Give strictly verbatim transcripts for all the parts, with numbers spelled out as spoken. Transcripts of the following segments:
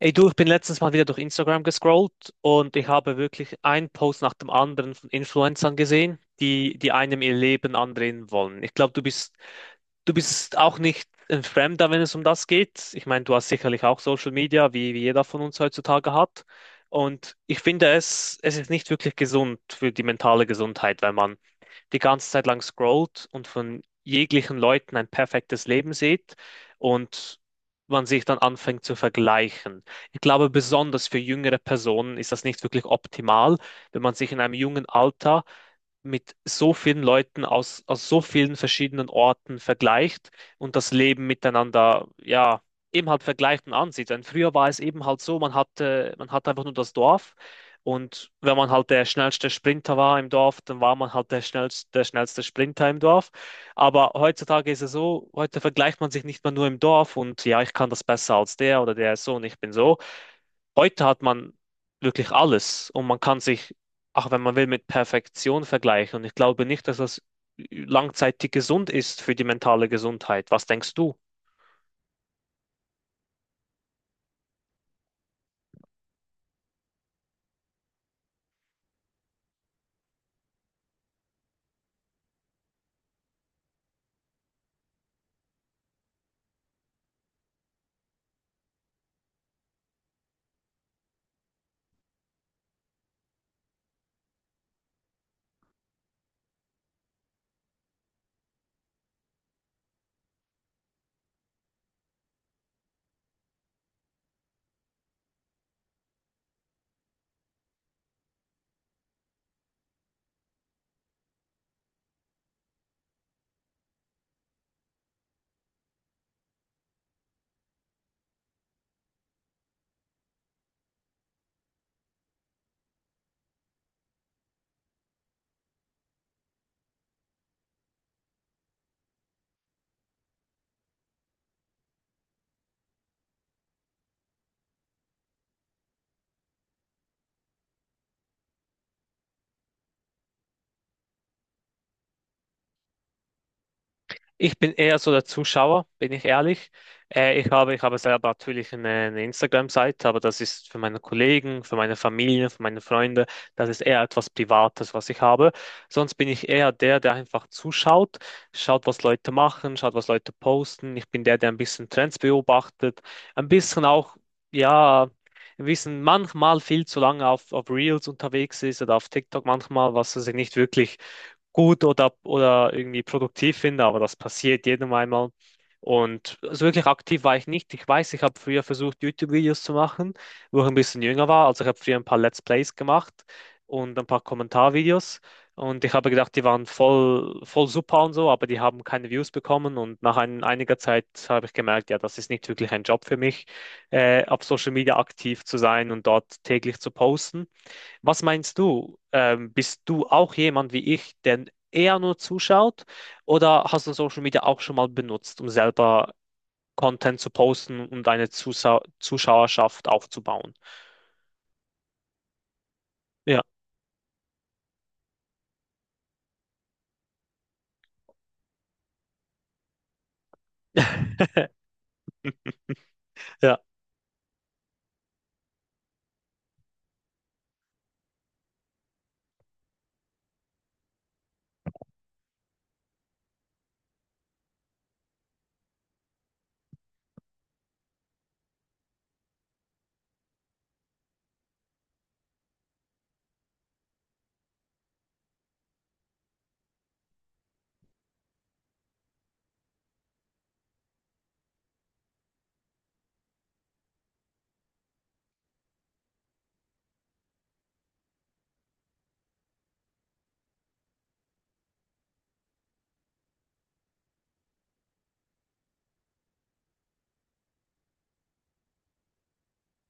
Ey du, ich bin letztens mal wieder durch Instagram gescrollt und ich habe wirklich einen Post nach dem anderen von Influencern gesehen, die, die einem ihr Leben andrehen wollen. Ich glaube, du bist, du bist auch nicht ein Fremder, wenn es um das geht. Ich meine, du hast sicherlich auch Social Media, wie, wie jeder von uns heutzutage hat. Und ich finde es, es ist nicht wirklich gesund für die mentale Gesundheit, wenn man die ganze Zeit lang scrollt und von jeglichen Leuten ein perfektes Leben sieht und man sich dann anfängt zu vergleichen. Ich glaube, besonders für jüngere Personen ist das nicht wirklich optimal, wenn man sich in einem jungen Alter mit so vielen Leuten aus, aus so vielen verschiedenen Orten vergleicht und das Leben miteinander, ja, eben halt vergleicht und ansieht. Denn früher war es eben halt so, man hatte, man hatte einfach nur das Dorf, und wenn man halt der schnellste Sprinter war im Dorf, dann war man halt der schnellste, der schnellste Sprinter im Dorf. Aber heutzutage ist es so, heute vergleicht man sich nicht mehr nur im Dorf und ja, ich kann das besser als der oder der ist so und ich bin so. Heute hat man wirklich alles und man kann sich, auch wenn man will, mit Perfektion vergleichen. Und ich glaube nicht, dass das langzeitig gesund ist für die mentale Gesundheit. Was denkst du? Ich bin eher so der Zuschauer, bin ich ehrlich. Äh, ich habe, ich habe selber natürlich eine, eine Instagram-Seite, aber das ist für meine Kollegen, für meine Familie, für meine Freunde. Das ist eher etwas Privates, was ich habe. Sonst bin ich eher der, der einfach zuschaut, schaut, was Leute machen, schaut, was Leute posten. Ich bin der, der ein bisschen Trends beobachtet, ein bisschen auch, ja, ein bisschen manchmal viel zu lange auf, auf Reels unterwegs ist oder auf TikTok manchmal, was also nicht wirklich gut oder, oder irgendwie produktiv finde, aber das passiert jedem einmal. Und so wirklich aktiv war ich nicht. Ich weiß, ich habe früher versucht, YouTube-Videos zu machen, wo ich ein bisschen jünger war. Also ich habe früher ein paar Let's Plays gemacht und ein paar Kommentarvideos. Und ich habe gedacht, die waren voll, voll super und so, aber die haben keine Views bekommen. Und nach ein, einiger Zeit habe ich gemerkt, ja, das ist nicht wirklich ein Job für mich, äh, auf Social Media aktiv zu sein und dort täglich zu posten. Was meinst du? Ähm, bist du auch jemand wie ich, der eher nur zuschaut? Oder hast du Social Media auch schon mal benutzt, um selber Content zu posten und deine Zusa Zuschauerschaft aufzubauen? Ja. Ja,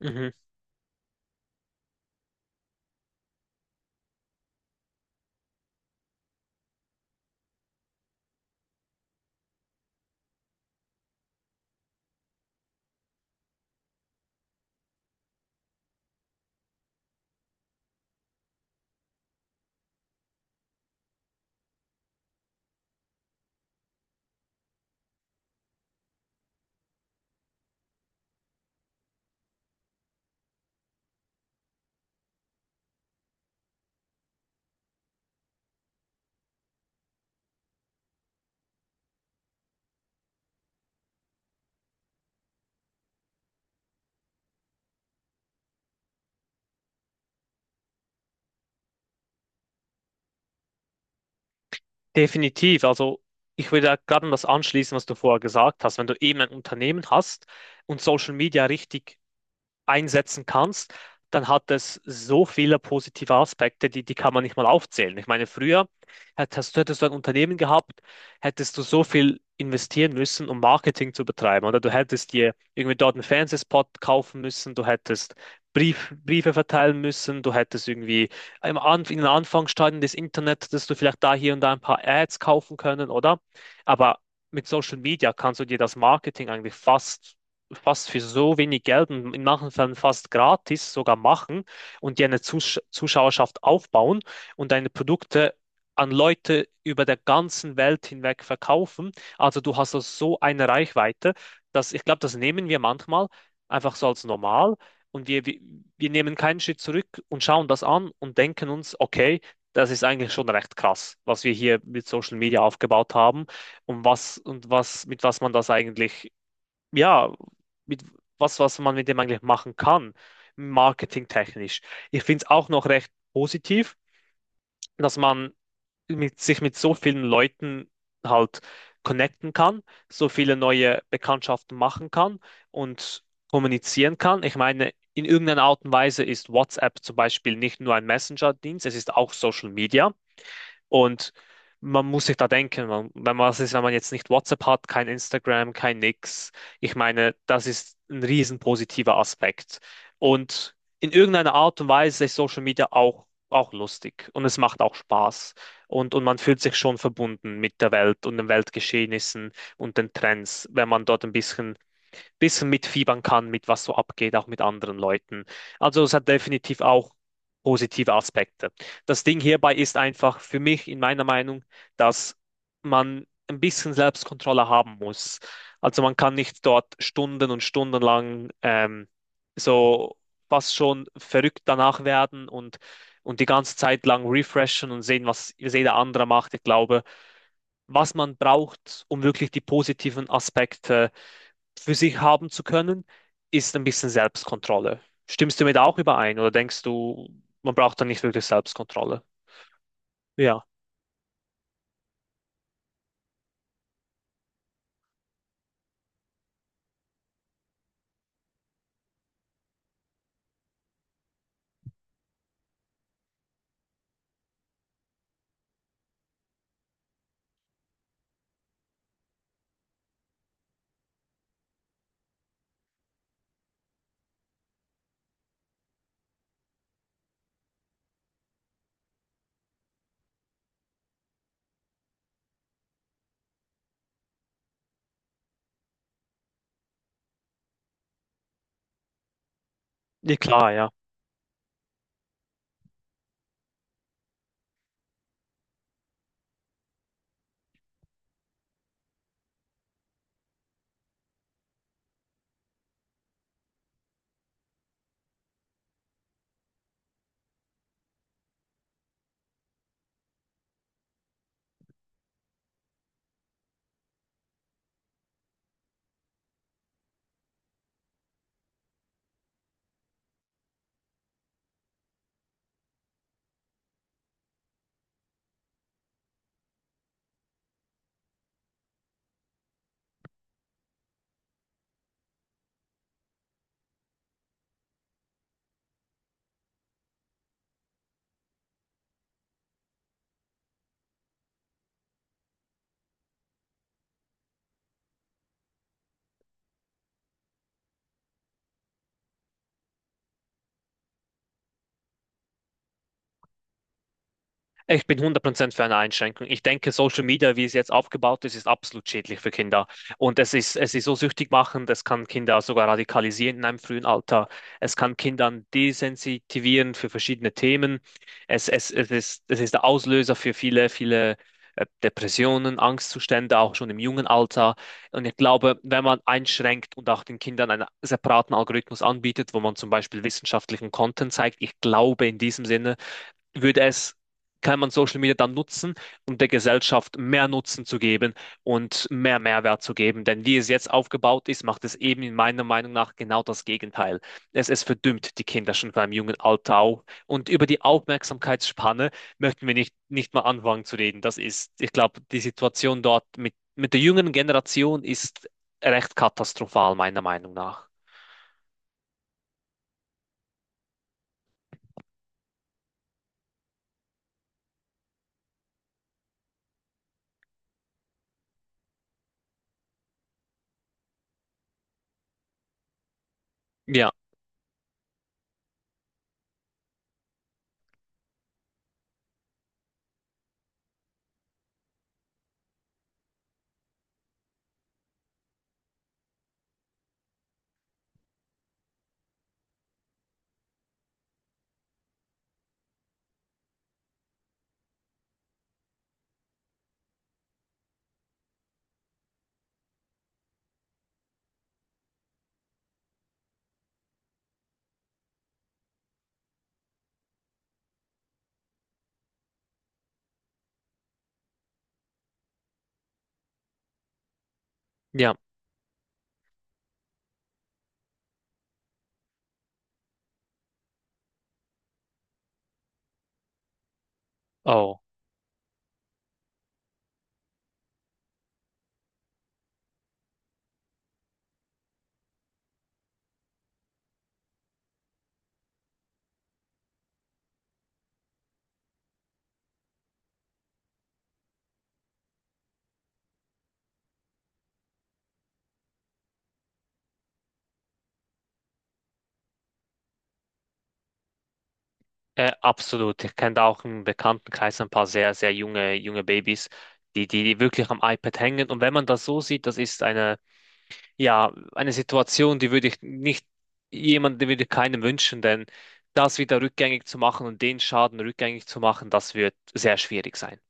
mhm. Definitiv. Also ich würde da gerade an das anschließen, was du vorher gesagt hast. Wenn du eben ein Unternehmen hast und Social Media richtig einsetzen kannst, dann hat es so viele positive Aspekte, die, die kann man nicht mal aufzählen. Ich meine, früher hättest, hättest du ein Unternehmen gehabt, hättest du so viel investieren müssen, um Marketing zu betreiben. Oder du hättest dir irgendwie dort einen Fernsehspot kaufen müssen, du hättest Brief, Briefe verteilen müssen, du hättest irgendwie im An in den Anfangsstadien des Internets, dass du vielleicht da hier und da ein paar Ads kaufen können, oder? Aber mit Social Media kannst du dir das Marketing eigentlich fast fast für so wenig Geld und in manchen Fällen fast gratis sogar machen und die eine Zus Zuschauerschaft aufbauen und deine Produkte an Leute über der ganzen Welt hinweg verkaufen. Also du hast also so eine Reichweite, dass, ich glaube, das nehmen wir manchmal einfach so als normal und wir, wir, wir nehmen keinen Schritt zurück und schauen das an und denken uns, okay, das ist eigentlich schon recht krass, was wir hier mit Social Media aufgebaut haben und was, und was mit was man das eigentlich, ja, mit was, was man mit dem eigentlich machen kann, marketingtechnisch. Ich finde es auch noch recht positiv, dass man mit, sich mit so vielen Leuten halt connecten kann, so viele neue Bekanntschaften machen kann und kommunizieren kann. Ich meine, in irgendeiner Art und Weise ist WhatsApp zum Beispiel nicht nur ein Messenger-Dienst, es ist auch Social Media. Und man muss sich da denken, man, wenn man, was ist, wenn man jetzt nicht WhatsApp hat, kein Instagram, kein nix. Ich meine, das ist ein riesen positiver Aspekt. Und in irgendeiner Art und Weise ist Social Media auch, auch lustig, und es macht auch Spaß. Und, und man fühlt sich schon verbunden mit der Welt und den Weltgeschehnissen und den Trends, wenn man dort ein bisschen bisschen mitfiebern kann mit was so abgeht, auch mit anderen Leuten. Also es hat definitiv auch positive Aspekte. Das Ding hierbei ist einfach für mich in meiner Meinung, dass man ein bisschen Selbstkontrolle haben muss. Also man kann nicht dort Stunden und Stunden lang ähm, so fast schon verrückt danach werden und, und die ganze Zeit lang refreshen und sehen, was jeder andere macht. Ich glaube, was man braucht, um wirklich die positiven Aspekte für sich haben zu können, ist ein bisschen Selbstkontrolle. Stimmst du mit auch überein, oder denkst du, man braucht da nicht wirklich Selbstkontrolle? Ja, ja klar, ja. Ich bin hundert Prozent für eine Einschränkung. Ich denke, Social Media, wie es jetzt aufgebaut ist, ist absolut schädlich für Kinder. Und es ist, es ist so süchtig machend, es kann Kinder sogar radikalisieren in einem frühen Alter. Es kann Kindern desensitivieren für verschiedene Themen. Es, es, es ist, es ist der Auslöser für viele, viele äh, Depressionen, Angstzustände, auch schon im jungen Alter. Und ich glaube, wenn man einschränkt und auch den Kindern einen separaten Algorithmus anbietet, wo man zum Beispiel wissenschaftlichen Content zeigt, ich glaube, in diesem Sinne würde es, kann man Social Media dann nutzen, um der Gesellschaft mehr Nutzen zu geben und mehr Mehrwert zu geben. Denn wie es jetzt aufgebaut ist, macht es eben in meiner Meinung nach genau das Gegenteil. Es, es verdümmt die Kinder schon beim jungen Alter auf. Und über die Aufmerksamkeitsspanne möchten wir nicht, nicht mal anfangen zu reden. Das ist, ich glaube, die Situation dort mit, mit der jüngeren Generation ist recht katastrophal, meiner Meinung nach. Ja, ja. Oh. Äh, absolut. Ich kenne da auch im Bekanntenkreis ein paar sehr, sehr junge, junge Babys, die, die, die wirklich am iPad hängen. Und wenn man das so sieht, das ist eine, ja, eine Situation, die würde ich nicht, jemand, die würde ich keinem wünschen, denn das wieder rückgängig zu machen und den Schaden rückgängig zu machen, das wird sehr schwierig sein.